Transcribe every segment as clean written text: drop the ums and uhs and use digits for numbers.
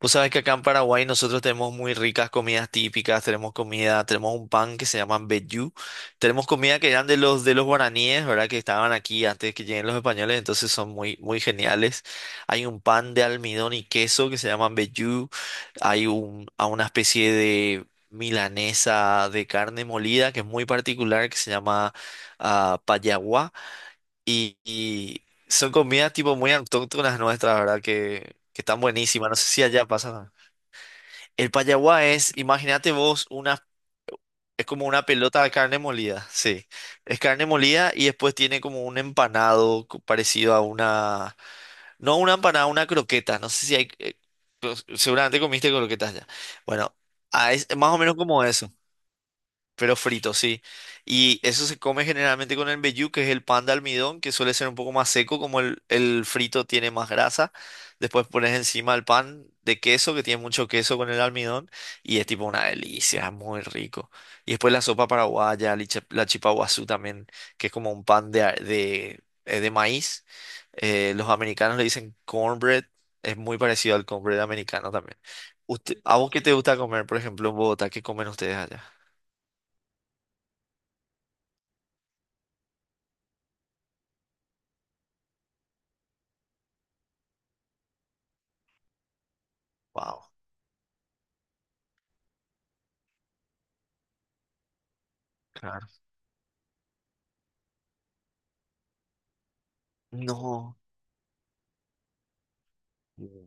Vos sabés que acá en Paraguay nosotros tenemos muy ricas comidas típicas, tenemos comida, tenemos un pan que se llama mbejú, tenemos comida que eran de los guaraníes, ¿verdad? Que estaban aquí antes que lleguen los españoles, entonces son muy muy geniales. Hay un pan de almidón y queso que se llama mbejú, hay un a una especie de milanesa de carne molida que es muy particular que se llama payaguá y son comidas tipo muy autóctonas nuestras, ¿verdad? Que están buenísimas. No sé si allá pasa. El payaguá es, imagínate vos, es como una pelota de carne molida, sí. Es carne molida y después tiene como un empanado parecido a una, no una empanada, una croqueta. No sé si hay, pues, seguramente comiste croquetas ya. Bueno, es más o menos como eso. Pero frito, sí. Y eso se come generalmente con el mbejú, que es el pan de almidón, que suele ser un poco más seco, como el frito tiene más grasa. Después pones encima el pan de queso, que tiene mucho queso con el almidón, y es tipo una delicia, es muy rico. Y después la sopa paraguaya, la chipa guazú también, que es como un pan de maíz. Los americanos le dicen cornbread, es muy parecido al cornbread americano también. ¿A vos qué te gusta comer, por ejemplo, en Bogotá? ¿Qué comen ustedes allá? Wow. Claro. No. Mm.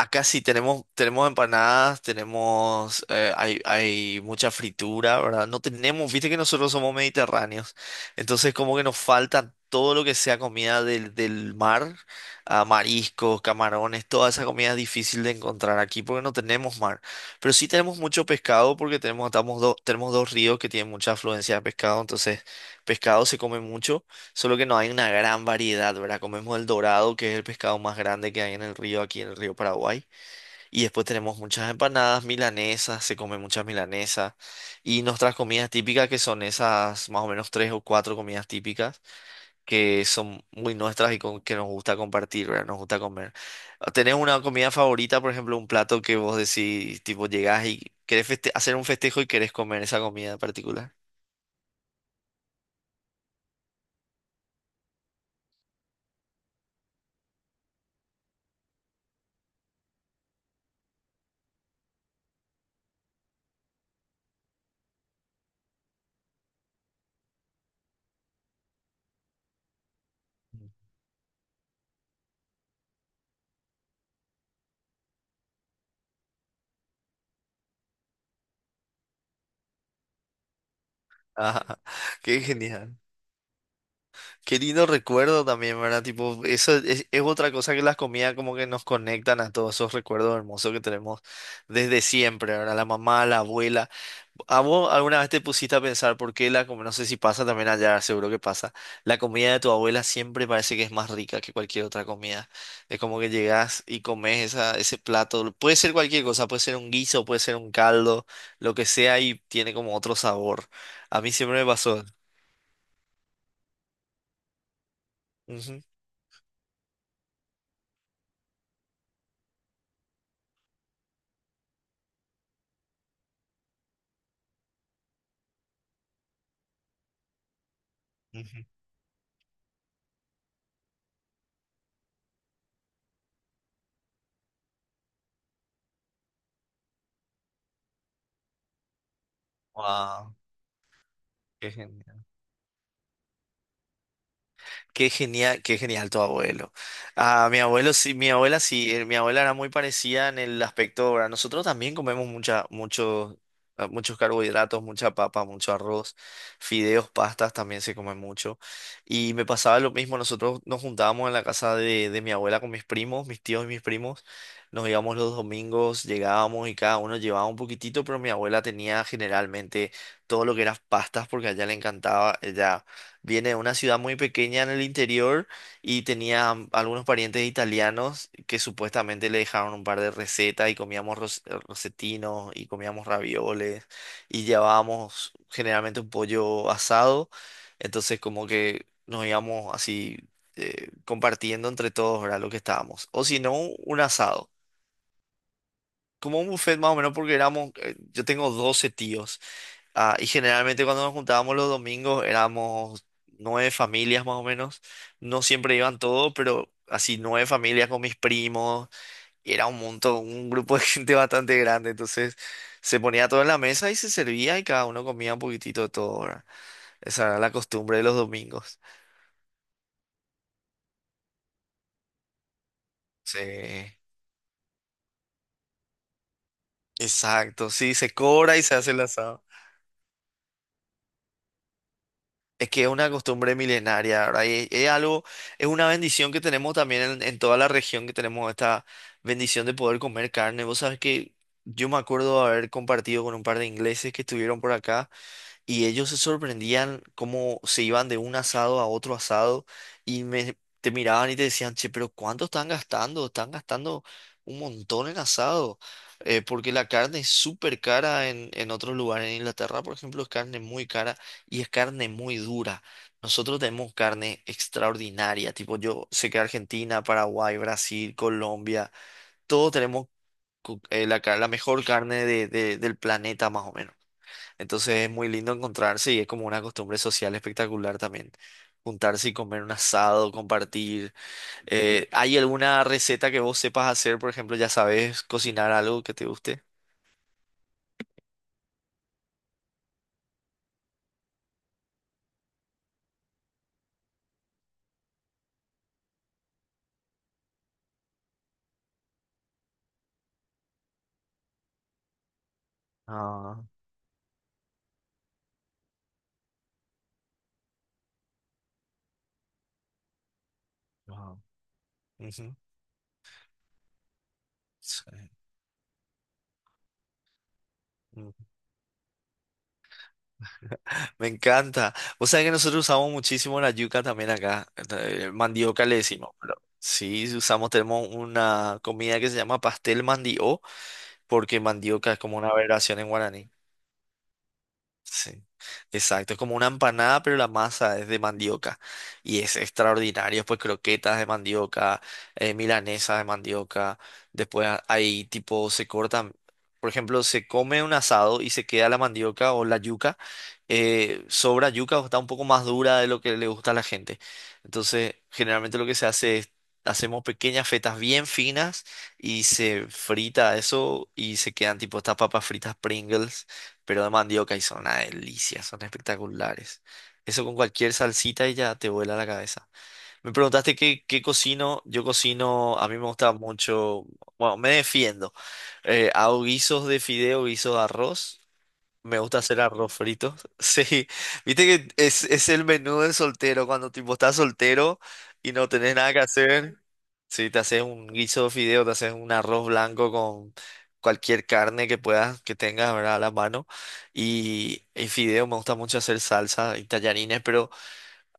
Acá sí tenemos, tenemos empanadas, tenemos, hay mucha fritura, ¿verdad? No tenemos, viste que nosotros somos mediterráneos, entonces como que nos falta todo lo que sea comida del mar, mariscos, camarones, toda esa comida es difícil de encontrar aquí porque no tenemos mar, pero sí tenemos mucho pescado porque tenemos, tenemos dos ríos que tienen mucha afluencia de pescado, entonces pescado se come mucho. Solo que no hay una gran variedad, ¿verdad? Comemos el dorado, que es el pescado más grande que hay en el río, aquí en el río Paraguay. Y después tenemos muchas empanadas milanesas, se come muchas milanesas. Y nuestras comidas típicas, que son esas más o menos tres o cuatro comidas típicas que son muy nuestras y que nos gusta compartir, ¿verdad? Nos gusta comer. ¿Tenés una comida favorita, por ejemplo, un plato que vos decís, tipo, llegás y querés hacer un festejo y querés comer esa comida en particular? Ajá, qué genial. Qué lindo recuerdo también, ¿verdad? Tipo, eso es otra cosa que las comidas como que nos conectan a todos esos recuerdos hermosos que tenemos desde siempre, ¿verdad? La mamá, la abuela. ¿A vos alguna vez te pusiste a pensar por qué la comida, no sé si pasa también allá, seguro que pasa, la comida de tu abuela siempre parece que es más rica que cualquier otra comida? Es como que llegás y comes esa, ese plato, puede ser cualquier cosa, puede ser un guiso, puede ser un caldo, lo que sea y tiene como otro sabor. A mí siempre me pasó. Ujú, ujú. Guau. Qué genial. Qué genial, qué genial tu abuelo. Ah, mi abuelo sí, mi abuela era muy parecida en el aspecto, ¿verdad? Nosotros también comemos mucha, muchos carbohidratos, mucha papa, mucho arroz, fideos, pastas también se come mucho. Y me pasaba lo mismo, nosotros nos juntábamos en la casa de mi abuela con mis primos, mis tíos y mis primos. Nos íbamos los domingos, llegábamos y cada uno llevaba un poquitito, pero mi abuela tenía generalmente todo lo que eran pastas porque a ella le encantaba, ella viene de una ciudad muy pequeña en el interior y tenía algunos parientes italianos que supuestamente le dejaron un par de recetas y comíamos rosetinos y comíamos ravioles y llevábamos generalmente un pollo asado. Entonces como que nos íbamos así compartiendo entre todos, ¿verdad? Lo que estábamos. O si no, un asado. Como un buffet más o menos porque éramos, yo tengo 12 tíos. Y generalmente cuando nos juntábamos los domingos éramos nueve familias más o menos. No siempre iban todos, pero así nueve familias con mis primos. Y era un montón, un grupo de gente bastante grande. Entonces se ponía todo en la mesa y se servía y cada uno comía un poquitito de todo, ¿verdad? Esa era la costumbre de los domingos. Sí, exacto. Sí, se cobra y se hace el asado. Es que es una costumbre milenaria, ¿verdad? Y es algo, es una bendición que tenemos también en toda la región, que tenemos esta bendición de poder comer carne. Vos sabés que yo me acuerdo haber compartido con un par de ingleses que estuvieron por acá. Y ellos se sorprendían cómo se iban de un asado a otro asado y me, te miraban y te decían, che, pero ¿cuánto están gastando? Están gastando un montón en asado, porque la carne es súper cara en otros lugares. En Inglaterra, por ejemplo, es carne muy cara y es carne muy dura. Nosotros tenemos carne extraordinaria, tipo yo sé que Argentina, Paraguay, Brasil, Colombia, todos tenemos la mejor carne del planeta más o menos. Entonces es muy lindo encontrarse y es como una costumbre social espectacular también. Juntarse y comer un asado, compartir. ¿Hay alguna receta que vos sepas hacer? Por ejemplo, ya sabes cocinar algo que te guste. Ah, wow. Ujú. Sí. Mm. Me encanta. Vos sabés que nosotros usamos muchísimo la yuca también acá. Mandioca le decimos. Pero sí, sí usamos, tenemos una comida que se llama pastel mandio, porque mandioca es como una aberración en guaraní. Sí, exacto. Es como una empanada, pero la masa es de mandioca. Y es extraordinario. Pues croquetas de mandioca, milanesas de mandioca. Después hay tipo, se cortan, por ejemplo, se come un asado y se queda la mandioca o la yuca. Sobra yuca o está un poco más dura de lo que le gusta a la gente. Entonces, generalmente lo que se hace es, hacemos pequeñas fetas bien finas y se frita eso y se quedan tipo estas papas fritas Pringles pero de mandioca y son una delicia, son espectaculares. Eso con cualquier salsita y ya te vuela la cabeza. Me preguntaste qué cocino. Yo cocino, a mí me gusta mucho, bueno, me defiendo. Hago guisos de fideo, guisos de arroz. Me gusta hacer arroz frito. Sí, viste que es el menú del soltero, cuando tipo estás soltero y no tenés nada que hacer. Sí, te haces un guiso de fideo, te haces un arroz blanco con cualquier carne que puedas, que tengas, ¿verdad? A la mano. Y fideo, me gusta mucho hacer salsa y tallarines, pero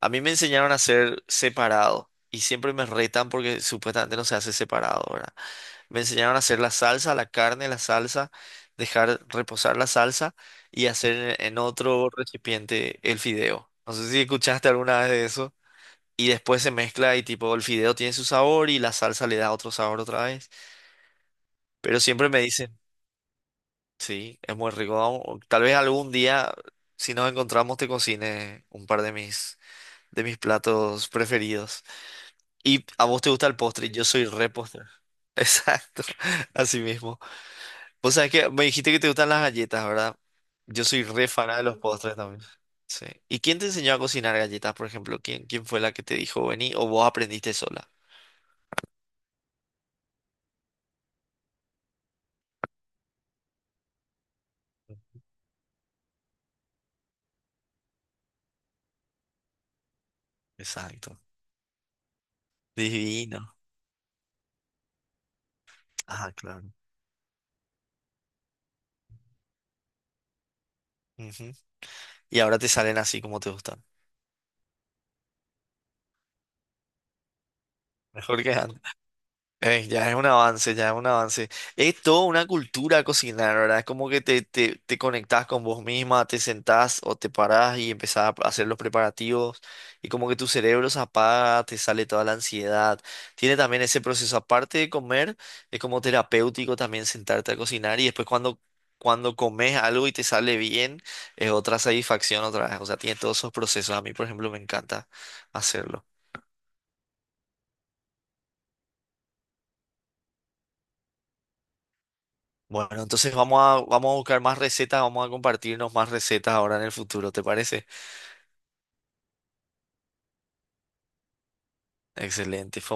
a mí me enseñaron a hacer separado y siempre me retan porque supuestamente no se hace separado, ¿verdad? Me enseñaron a hacer la salsa, la carne, la salsa, dejar reposar la salsa y hacer en otro recipiente el fideo. No sé si escuchaste alguna vez de eso. Y después se mezcla y tipo el fideo tiene su sabor y la salsa le da otro sabor otra vez. Pero siempre me dicen, sí, es muy rico. Vamos, o Tal vez algún día, si nos encontramos, te cocine un par de mis platos preferidos. Y a vos te gusta el postre, yo soy re postre. Exacto, así mismo. Vos sabés que me dijiste que te gustan las galletas, ¿verdad? Yo soy re fan de los postres también. Sí. ¿Y quién te enseñó a cocinar galletas, por ejemplo? ¿Quién fue la que te dijo vení o vos aprendiste sola? Exacto. Divino. Ah, claro. Ujú. Y ahora te salen así como te gustan. Mejor que antes. Ya es un avance, ya es un avance. Es toda una cultura cocinar, ¿verdad? Es como que te conectás con vos misma, te sentás o te parás y empezás a hacer los preparativos y como que tu cerebro se apaga, te sale toda la ansiedad. Tiene también ese proceso, aparte de comer, es como terapéutico también sentarte a cocinar y después cuando comes algo y te sale bien, es otra satisfacción otra vez. O sea, tiene todos esos procesos. A mí, por ejemplo, me encanta hacerlo. Bueno, entonces vamos a buscar más recetas, vamos a compartirnos más recetas ahora en el futuro, ¿te parece? Excelente.